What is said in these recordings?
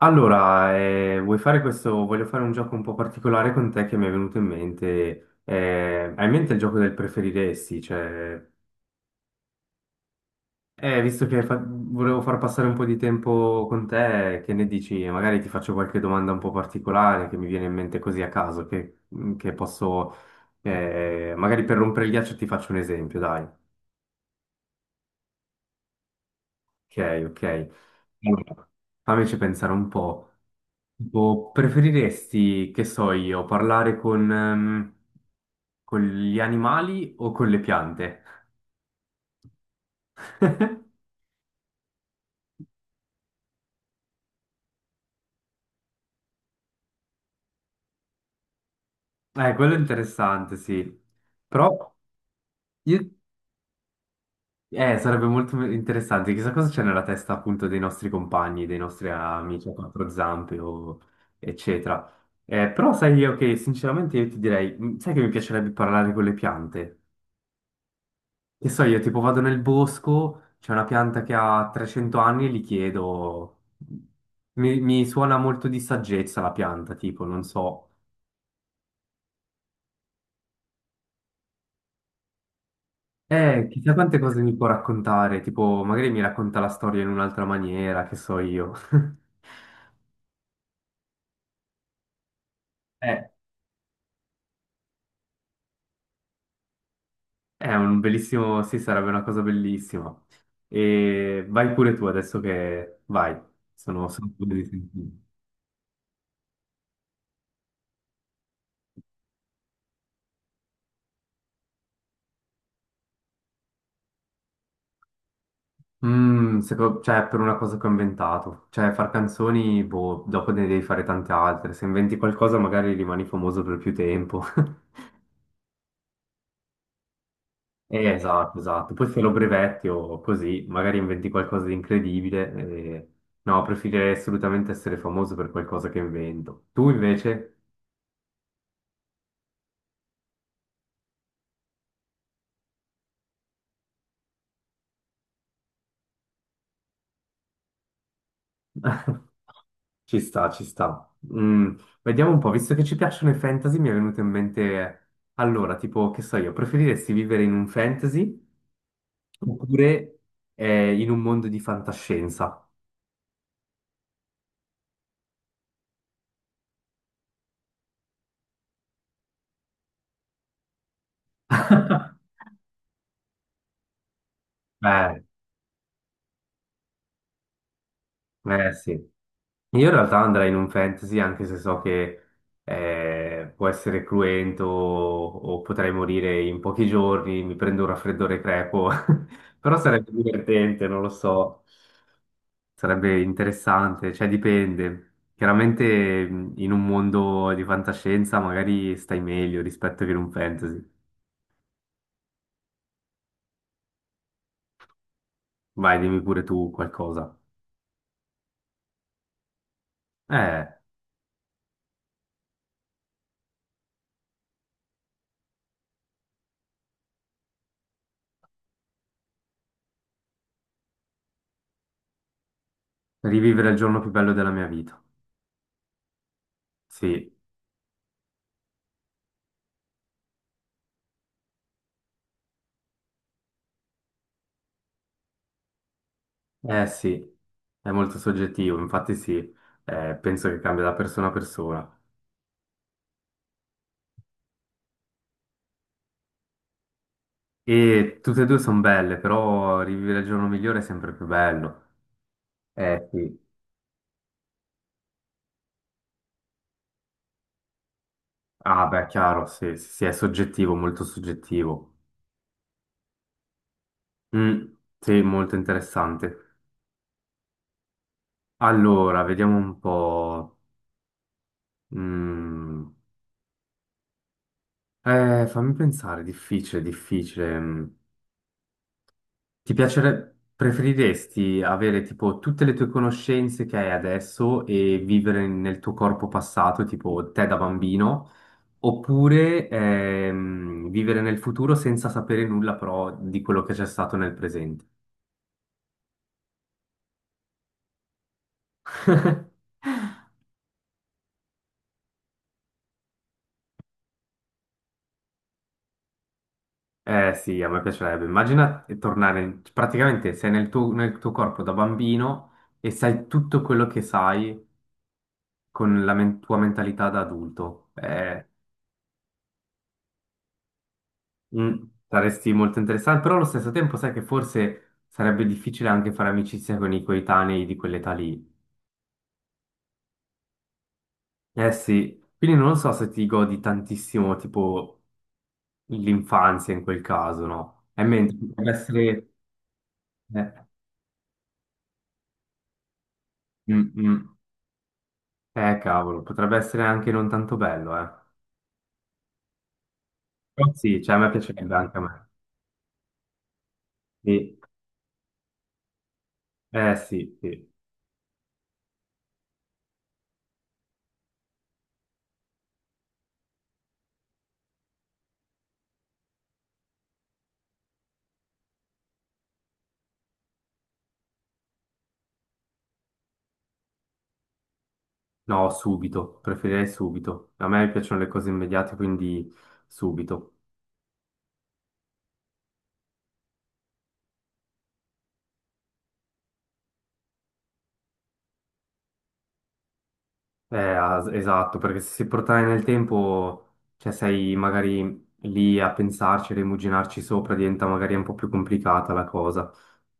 Allora, vuoi fare questo? Voglio fare un gioco un po' particolare con te che mi è venuto in mente. Hai in mente il gioco del preferiresti? Cioè, visto che volevo far passare un po' di tempo con te, che ne dici? E magari ti faccio qualche domanda un po' particolare che mi viene in mente così a caso, che posso, magari per rompere il ghiaccio ti faccio un esempio, dai. Ok, ok. Allora, fammici pensare un po'. Tipo, preferiresti, che so io, parlare con gli animali o con le piante? Quello è interessante, sì. Però io- sarebbe molto interessante. Chissà cosa c'è nella testa appunto dei nostri compagni, dei nostri amici a quattro zampe o eccetera. Però sai io che ok, sinceramente io ti direi, sai che mi piacerebbe parlare con le piante? Che so io, tipo vado nel bosco, c'è una pianta che ha 300 anni e gli chiedo. Mi suona molto di saggezza la pianta, tipo, non so. Chissà quante cose mi può raccontare, tipo, magari mi racconta la storia in un'altra maniera, che so io. Eh, è un bellissimo. Sì, sarebbe una cosa bellissima. E vai pure tu adesso Vai, sono curioso di sentire. Cioè, per una cosa che ho inventato. Cioè, far canzoni, boh, dopo ne devi fare tante altre. Se inventi qualcosa, magari rimani famoso per più tempo. Esatto, esatto. Poi se lo brevetti o così, magari inventi qualcosa di incredibile. No, preferirei assolutamente essere famoso per qualcosa che invento. Tu invece? Ci sta, ci sta. Vediamo un po', visto che ci piacciono i fantasy, mi è venuto in mente. Allora, tipo, che so io, preferiresti vivere in un fantasy? Oppure in un mondo di fantascienza. Eh, sì. Io in realtà andrei in un fantasy anche se so che può essere cruento o potrei morire in pochi giorni, mi prendo un raffreddore crepo, però sarebbe divertente, non lo so, sarebbe interessante, cioè dipende. Chiaramente in un mondo di fantascienza magari stai meglio rispetto che in un fantasy. Vai, dimmi pure tu qualcosa. Eh. Rivivere il giorno più bello della mia vita. Sì, eh sì, è molto soggettivo, infatti sì, penso che cambia da persona a persona. E tutte e due sono belle, però rivivere il giorno migliore è sempre più bello. Eh sì, ah beh, chiaro, sì, sì, sì, è soggettivo, molto soggettivo. Mm, sì, molto interessante. Allora, vediamo un po'. Mm, Fammi pensare, difficile, difficile. Mm. Ti piacerebbe, preferiresti avere tipo tutte le tue conoscenze che hai adesso e vivere nel tuo corpo passato, tipo te da bambino, oppure vivere nel futuro senza sapere nulla però di quello che c'è stato nel presente? Eh sì, a me piacerebbe. Immagina tornare, praticamente sei nel tuo, corpo da bambino e sai tutto quello che sai con la tua mentalità da adulto. Mm, Saresti molto interessante, però allo stesso tempo sai che forse sarebbe difficile anche fare amicizia con i coetanei di quell'età lì. Eh sì, quindi non so se ti godi tantissimo tipo l'infanzia in quel caso, no? E mentre potrebbe essere. Eh, mm, mm. Cavolo, potrebbe essere anche non tanto bello, eh. Però sì, cioè a me piacerebbe anche a me. Sì. Eh sì, sì. No, subito, preferirei subito. A me piacciono le cose immediate, quindi subito. Esatto, perché se si portare nel tempo, cioè sei magari lì a pensarci, a rimuginarci sopra, diventa magari un po' più complicata la cosa.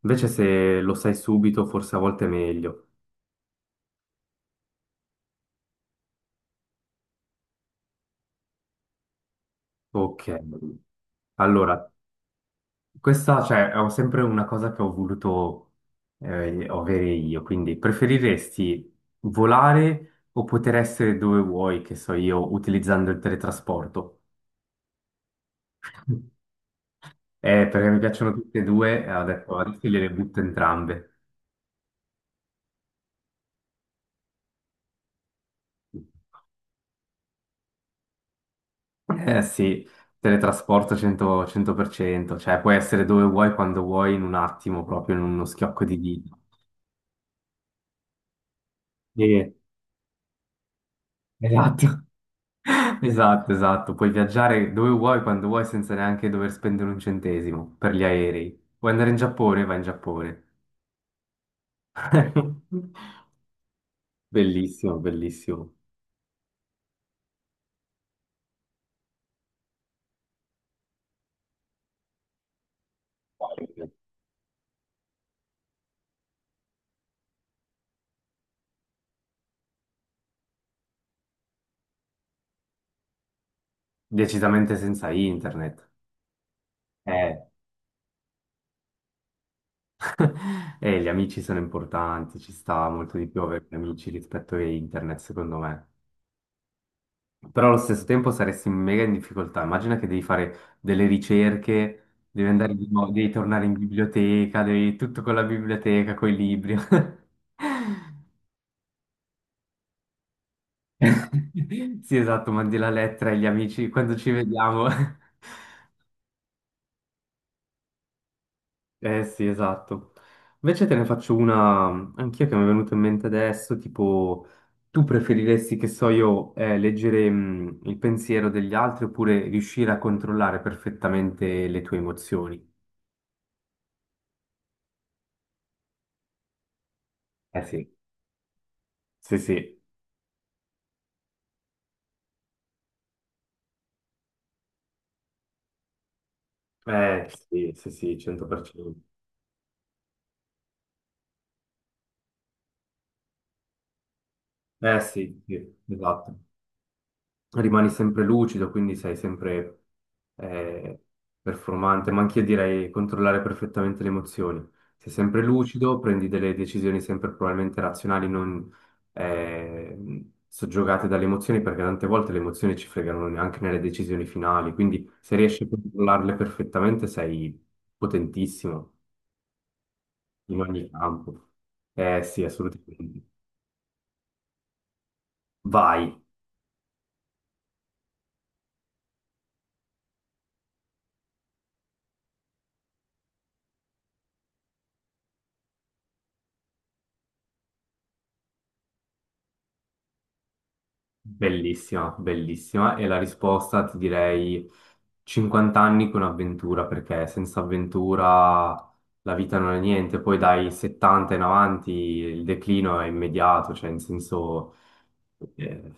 Invece se lo sai subito, forse a volte è meglio. Ok. Allora, questa, cioè, è sempre una cosa che ho voluto avere io, quindi preferiresti volare o poter essere dove vuoi, che so io, utilizzando il teletrasporto? Perché mi piacciono tutte e due, e ho detto adesso gliele butto entrambe. Eh sì, teletrasporto 100%, 100%, cioè puoi essere dove vuoi, quando vuoi, in un attimo, proprio in uno schiocco di dita. Sì, esatto, esatto, esatto. Puoi viaggiare dove vuoi, quando vuoi, senza neanche dover spendere un centesimo per gli aerei. Vuoi andare in Giappone? Vai in Giappone. Bellissimo, bellissimo. Decisamente senza internet. Eh, E gli amici sono importanti, ci sta molto di più avere gli amici rispetto a internet, secondo me. Però allo stesso tempo saresti mega in difficoltà. Immagina che devi fare delle ricerche, devi andare di nuovo, devi tornare in biblioteca, devi tutto con la biblioteca, con i libri. Sì, esatto, mandi la lettera agli amici quando ci vediamo. Eh sì, esatto. Invece te ne faccio una anch'io che mi è venuta in mente adesso, tipo, tu preferiresti, che so io, leggere il pensiero degli altri oppure riuscire a controllare perfettamente le tue emozioni? Eh sì. Sì, sì, eh sì, sì, sì, 100%. Eh sì, sì, esatto. Rimani sempre lucido, quindi sei sempre eh, performante, ma anche io direi controllare perfettamente le emozioni. Sei sempre lucido, prendi delle decisioni sempre probabilmente razionali, non soggiogate dalle emozioni, perché tante volte le emozioni ci fregano anche nelle decisioni finali, quindi se riesci a controllarle perfettamente sei potentissimo in ogni campo. Eh sì, assolutamente. Vai. Bellissima, bellissima. E la risposta ti direi 50 anni con avventura, perché senza avventura la vita non è niente. Poi dai 70 in avanti il declino è immediato, cioè in senso eh,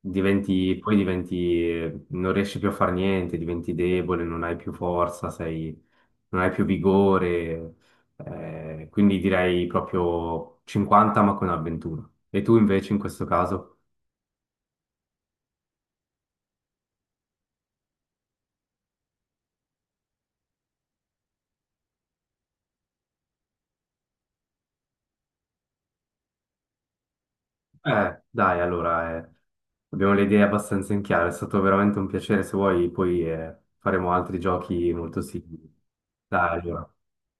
diventi, poi diventi, non riesci più a fare niente, diventi debole, non hai più forza, sei, non hai più vigore. Quindi direi proprio 50 ma con avventura. E tu invece in questo caso? Dai, allora, abbiamo le idee abbastanza in chiaro, è stato veramente un piacere, se vuoi poi faremo altri giochi molto simili. Dai, allora,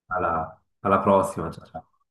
alla alla prossima, ciao ciao.